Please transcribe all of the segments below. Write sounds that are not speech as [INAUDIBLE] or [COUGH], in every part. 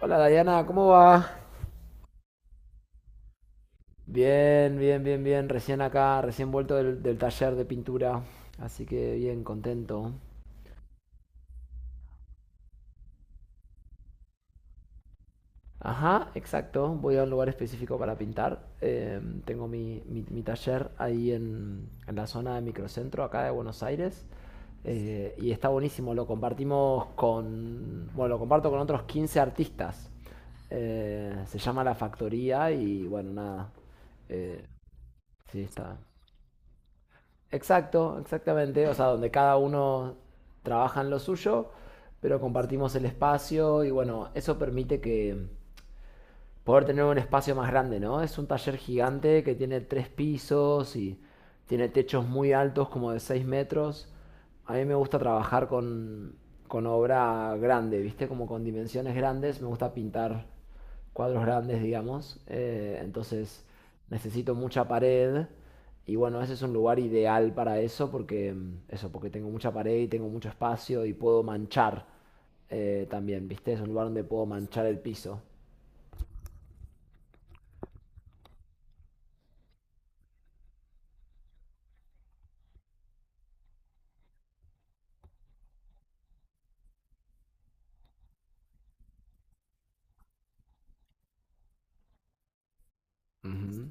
Hola Dayana, ¿cómo va? Bien, bien, bien, bien. Recién acá, recién vuelto del taller de pintura. Así que bien, contento. Ajá, exacto. Voy a un lugar específico para pintar. Tengo mi taller ahí en la zona de microcentro, acá de Buenos Aires. Y está buenísimo. Lo compartimos con... Bueno, lo comparto con otros 15 artistas. Se llama La Factoría y bueno, nada. Eh, sí, está. Exacto, exactamente. O sea, donde cada uno trabaja en lo suyo, pero compartimos el espacio y bueno, eso permite que, poder tener un espacio más grande, ¿no? Es un taller gigante que tiene tres pisos y tiene techos muy altos, como de 6 metros. A mí me gusta trabajar con obra grande, ¿viste? Como con dimensiones grandes. Me gusta pintar cuadros grandes, digamos. Entonces necesito mucha pared. Y bueno, ese es un lugar ideal para eso porque, eso, porque tengo mucha pared y tengo mucho espacio y puedo manchar también, ¿viste? Es un lugar donde puedo manchar el piso. Ujú.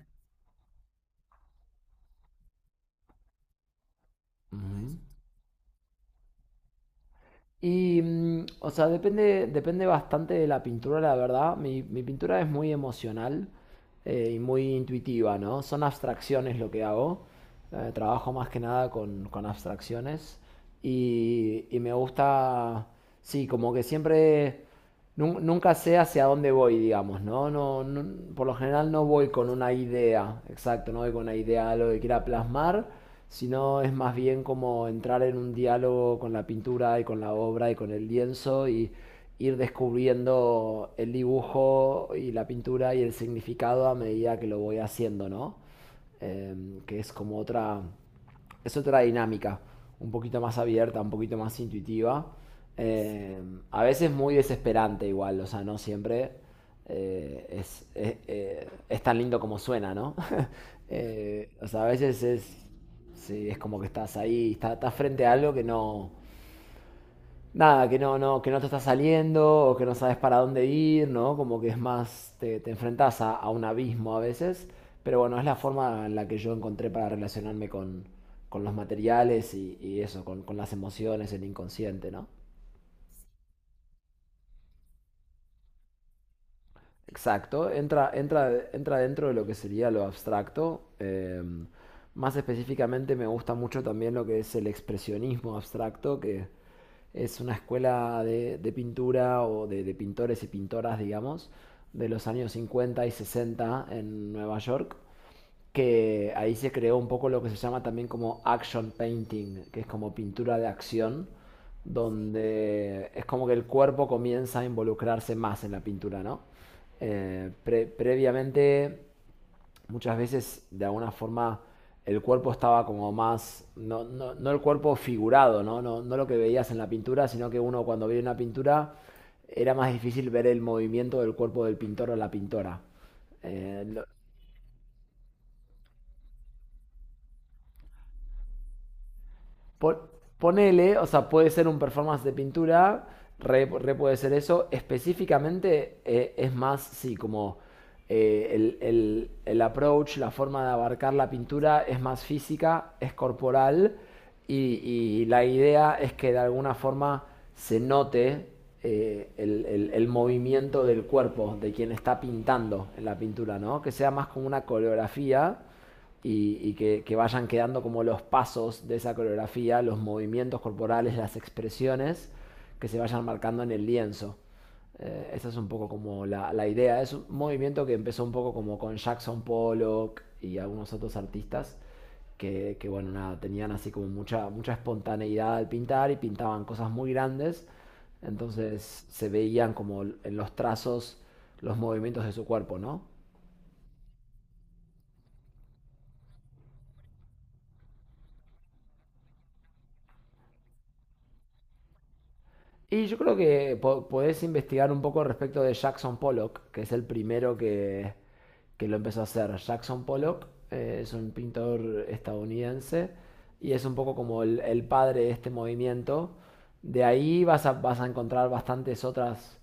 Ujú. O sea, depende, depende bastante de la pintura, la verdad. Mi pintura es muy emocional y muy intuitiva, ¿no? Son abstracciones lo que hago. Trabajo más que nada con abstracciones. Y me gusta, sí, como que siempre nunca sé hacia dónde voy, digamos, ¿no? Por lo general no voy con una idea, exacto, no voy con una idea de lo que quiera plasmar, sino es más bien como entrar en un diálogo con la pintura y con la obra y con el lienzo y ir descubriendo el dibujo y la pintura y el significado a medida que lo voy haciendo, ¿no? Que es como otra es otra dinámica, un poquito más abierta, un poquito más intuitiva. Eh, a veces muy desesperante igual, o sea, no siempre es tan lindo como suena, ¿no? [LAUGHS] O sea, a veces es, sí, es como que estás ahí, estás frente a algo que no, nada, que que no te está saliendo o que no sabes para dónde ir, ¿no? Como que es más, te enfrentas a un abismo a veces, pero bueno, es la forma en la que yo encontré para relacionarme con, los materiales y eso, con las emociones, el inconsciente, ¿no? Exacto, entra dentro de lo que sería lo abstracto. Más específicamente me gusta mucho también lo que es el expresionismo abstracto, que es una escuela de pintura o de pintores y pintoras, digamos, de los años 50 y 60 en Nueva York, que ahí se creó un poco lo que se llama también como action painting, que es como pintura de acción donde es como que el cuerpo comienza a involucrarse más en la pintura, ¿no? Previamente, muchas veces, de alguna forma, el cuerpo estaba como más, no el cuerpo figurado, ¿no? No lo que veías en la pintura, sino que uno cuando veía una pintura era más difícil ver el movimiento del cuerpo del pintor o la pintora. Eh, lo- Po- ponele, o sea, puede ser un performance de pintura, re puede ser eso. Específicamente es más, sí, como el approach, la forma de abarcar la pintura es más física, es corporal y, y la idea es que de alguna forma se note el movimiento del cuerpo de quien está pintando en la pintura, ¿no? Que sea más como una coreografía y que vayan quedando como los pasos de esa coreografía, los movimientos corporales, las expresiones que se vayan marcando en el lienzo. Esa es un poco como la idea. Es un movimiento que empezó un poco como con Jackson Pollock y algunos otros artistas que, bueno, nada, tenían así como mucha, mucha espontaneidad al pintar y pintaban cosas muy grandes. Entonces se veían como en los trazos los movimientos de su cuerpo, ¿no? Yo creo que podés investigar un poco respecto de Jackson Pollock, que es el primero que lo empezó a hacer. Jackson Pollock es un pintor estadounidense y es un poco como el padre de este movimiento. De ahí vas vas a encontrar bastantes otras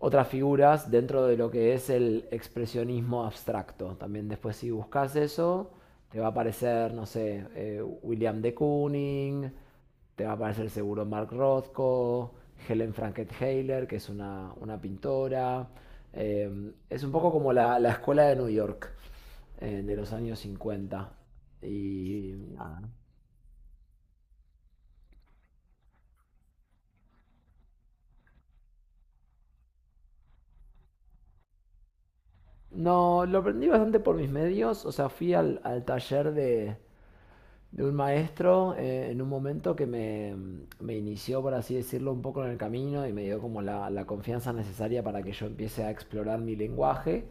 otras figuras dentro de lo que es el expresionismo abstracto. También después si buscas eso, te va a aparecer, no sé, William de Kooning, te va a aparecer seguro Mark Rothko, Helen franket que es una pintora. Es un poco como la escuela de New York de los años 50 Y Ah, no, lo aprendí bastante por mis medios, o sea, fui al taller de un maestro en un momento que me inició, por así decirlo, un poco en el camino y me dio como la confianza necesaria para que yo empiece a explorar mi lenguaje,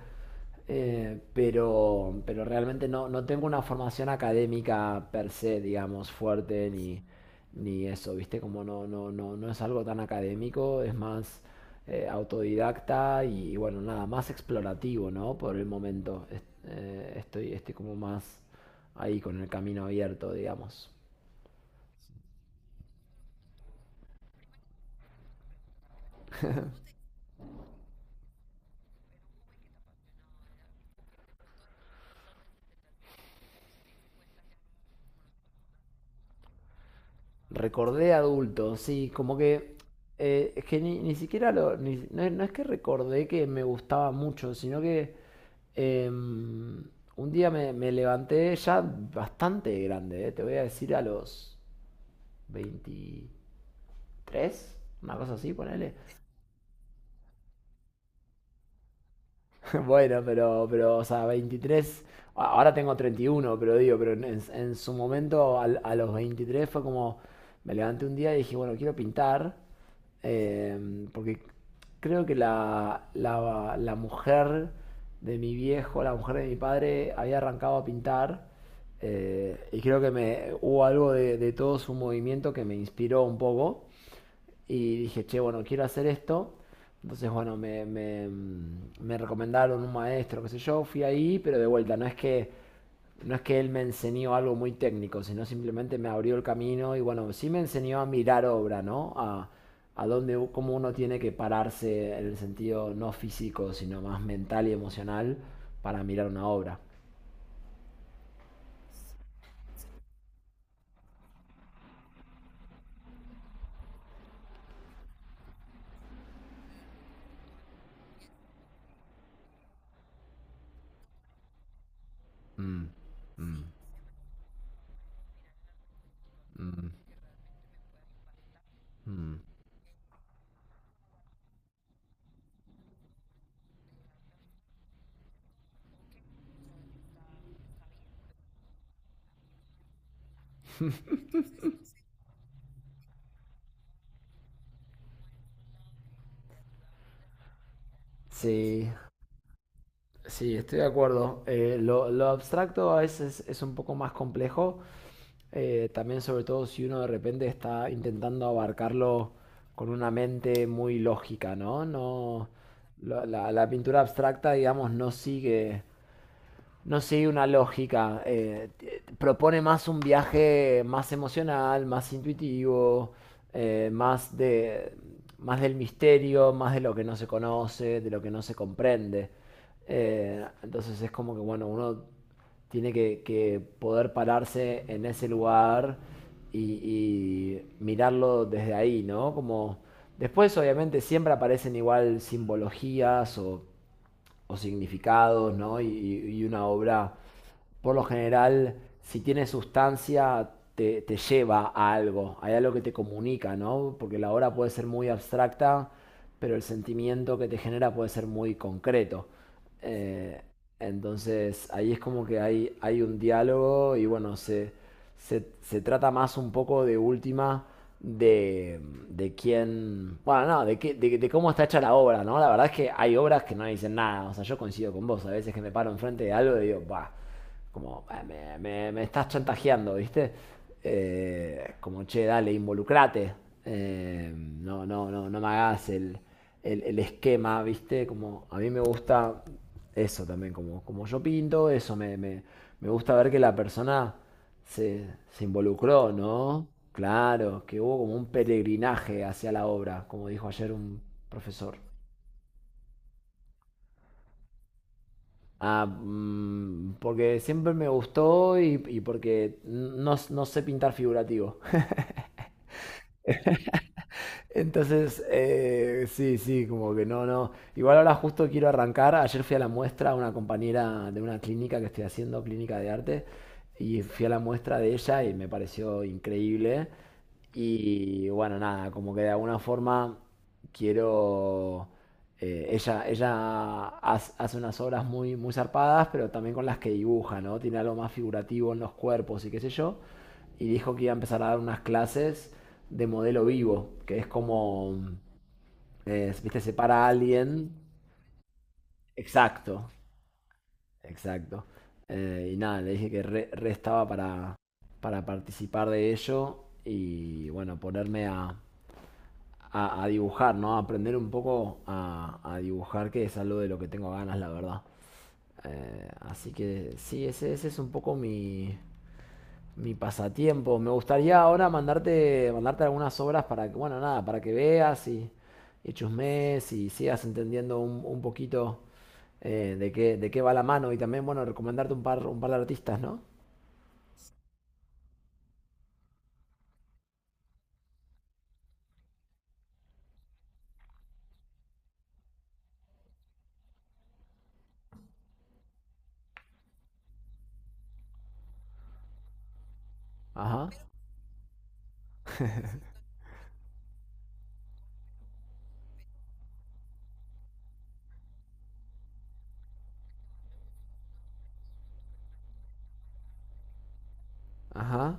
pero realmente no, no tengo una formación académica per se, digamos, fuerte ni eso, ¿viste? Como no es algo tan académico, es más autodidacta y, bueno, nada, más explorativo, ¿no? Por el momento. Estoy como más ahí con el camino abierto, digamos. Recordé adulto, sí, como que es que ni siquiera lo. No, no es que recordé que me gustaba mucho, sino que un día me levanté ya bastante grande, te voy a decir a los 23 una cosa así, ponele. [LAUGHS] Bueno, o sea, 23. Ahora tengo 31, pero digo, pero en su momento a, los 23 fue como, me levanté un día y dije, bueno, quiero pintar, porque creo que la mujer de mi viejo, la mujer de mi padre, había arrancado a pintar, y creo que me, hubo algo de todo su movimiento que me inspiró un poco. Y dije, che, bueno, quiero hacer esto. Entonces, bueno, me recomendaron un maestro, qué sé yo, fui ahí, pero de vuelta, no es que, no es que él me enseñó algo muy técnico, sino simplemente me abrió el camino y bueno, sí me enseñó a mirar obra, ¿no? Cómo uno tiene que pararse en el sentido no físico, sino más mental y emocional para mirar una obra. Mm, mm, sí, mm, mm. Sí, sí, sí, estoy de acuerdo. Lo abstracto a veces es un poco más complejo, también sobre todo si uno de repente está intentando abarcarlo con una mente muy lógica, ¿no? No, la pintura abstracta, digamos, no sigue una lógica. Propone más un viaje más emocional, más intuitivo, más más del misterio, más de lo que no se conoce, de lo que no se comprende. Entonces es como que, bueno, uno tiene que poder pararse en ese lugar y, y mirarlo desde ahí, ¿no? Como después obviamente siempre aparecen igual simbologías o significados, ¿no? Y una obra por lo general, si tiene sustancia, te lleva a algo, hay algo que te comunica, ¿no? Porque la obra puede ser muy abstracta, pero el sentimiento que te genera puede ser muy concreto. Eh, entonces, ahí es como que hay un diálogo y bueno, se trata más un poco de última de, de quién, bueno, no, de cómo está hecha la obra, ¿no? La verdad es que hay obras que no dicen nada, o sea, yo coincido con vos, a veces que me paro enfrente de algo y digo, va, como "Ah, me estás chantajeando, ¿viste?" Como, che, dale, involucrate. No me hagas el esquema, ¿viste? Como a mí me gusta eso también, como, como yo pinto, eso me gusta ver que la persona se, se involucró, ¿no? Claro, que hubo como un peregrinaje hacia la obra, como dijo ayer un profesor. Ah, porque siempre me gustó y porque no, no sé pintar figurativo. Entonces, sí, sí, como que no, no. Igual ahora justo quiero arrancar. Ayer fui a la muestra a una compañera de una clínica que estoy haciendo, clínica de arte, y fui a la muestra de ella y me pareció increíble. Y bueno, nada, como que de alguna forma quiero... hace unas obras muy, muy zarpadas, pero también con las que dibuja, ¿no? Tiene algo más figurativo en los cuerpos y qué sé yo y dijo que iba a empezar a dar unas clases de modelo vivo, que es como, viste, se para a alguien. Exacto, exacto. Y nada, le dije que re estaba para, participar de ello y bueno, ponerme a dibujar, ¿no? Aprender un poco a dibujar, que es algo de lo que tengo ganas, la verdad. Así que sí, ese es un poco mi pasatiempo. Me gustaría ahora mandarte algunas obras para que, bueno, nada, para que veas y chusmees y sigas entendiendo un poquito de qué va la mano. Y también, bueno, recomendarte un par de artistas, ¿no? Ajá, ajá.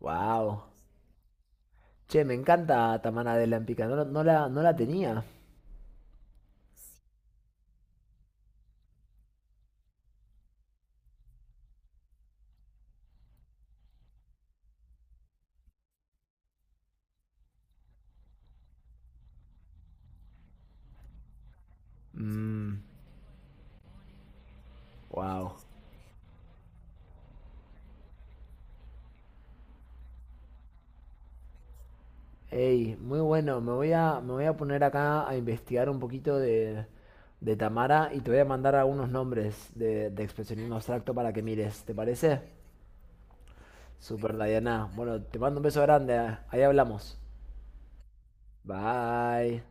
Wow. Che, me encanta Tamana de la en Pica. No, no no la tenía. Mmm, wow. Hey, muy bueno. Me voy me voy a poner acá a investigar un poquito de Tamara y te voy a mandar algunos nombres de expresionismo abstracto para que mires. ¿Te parece? Super, Diana. Bueno, te mando un beso grande. Ahí hablamos. Bye.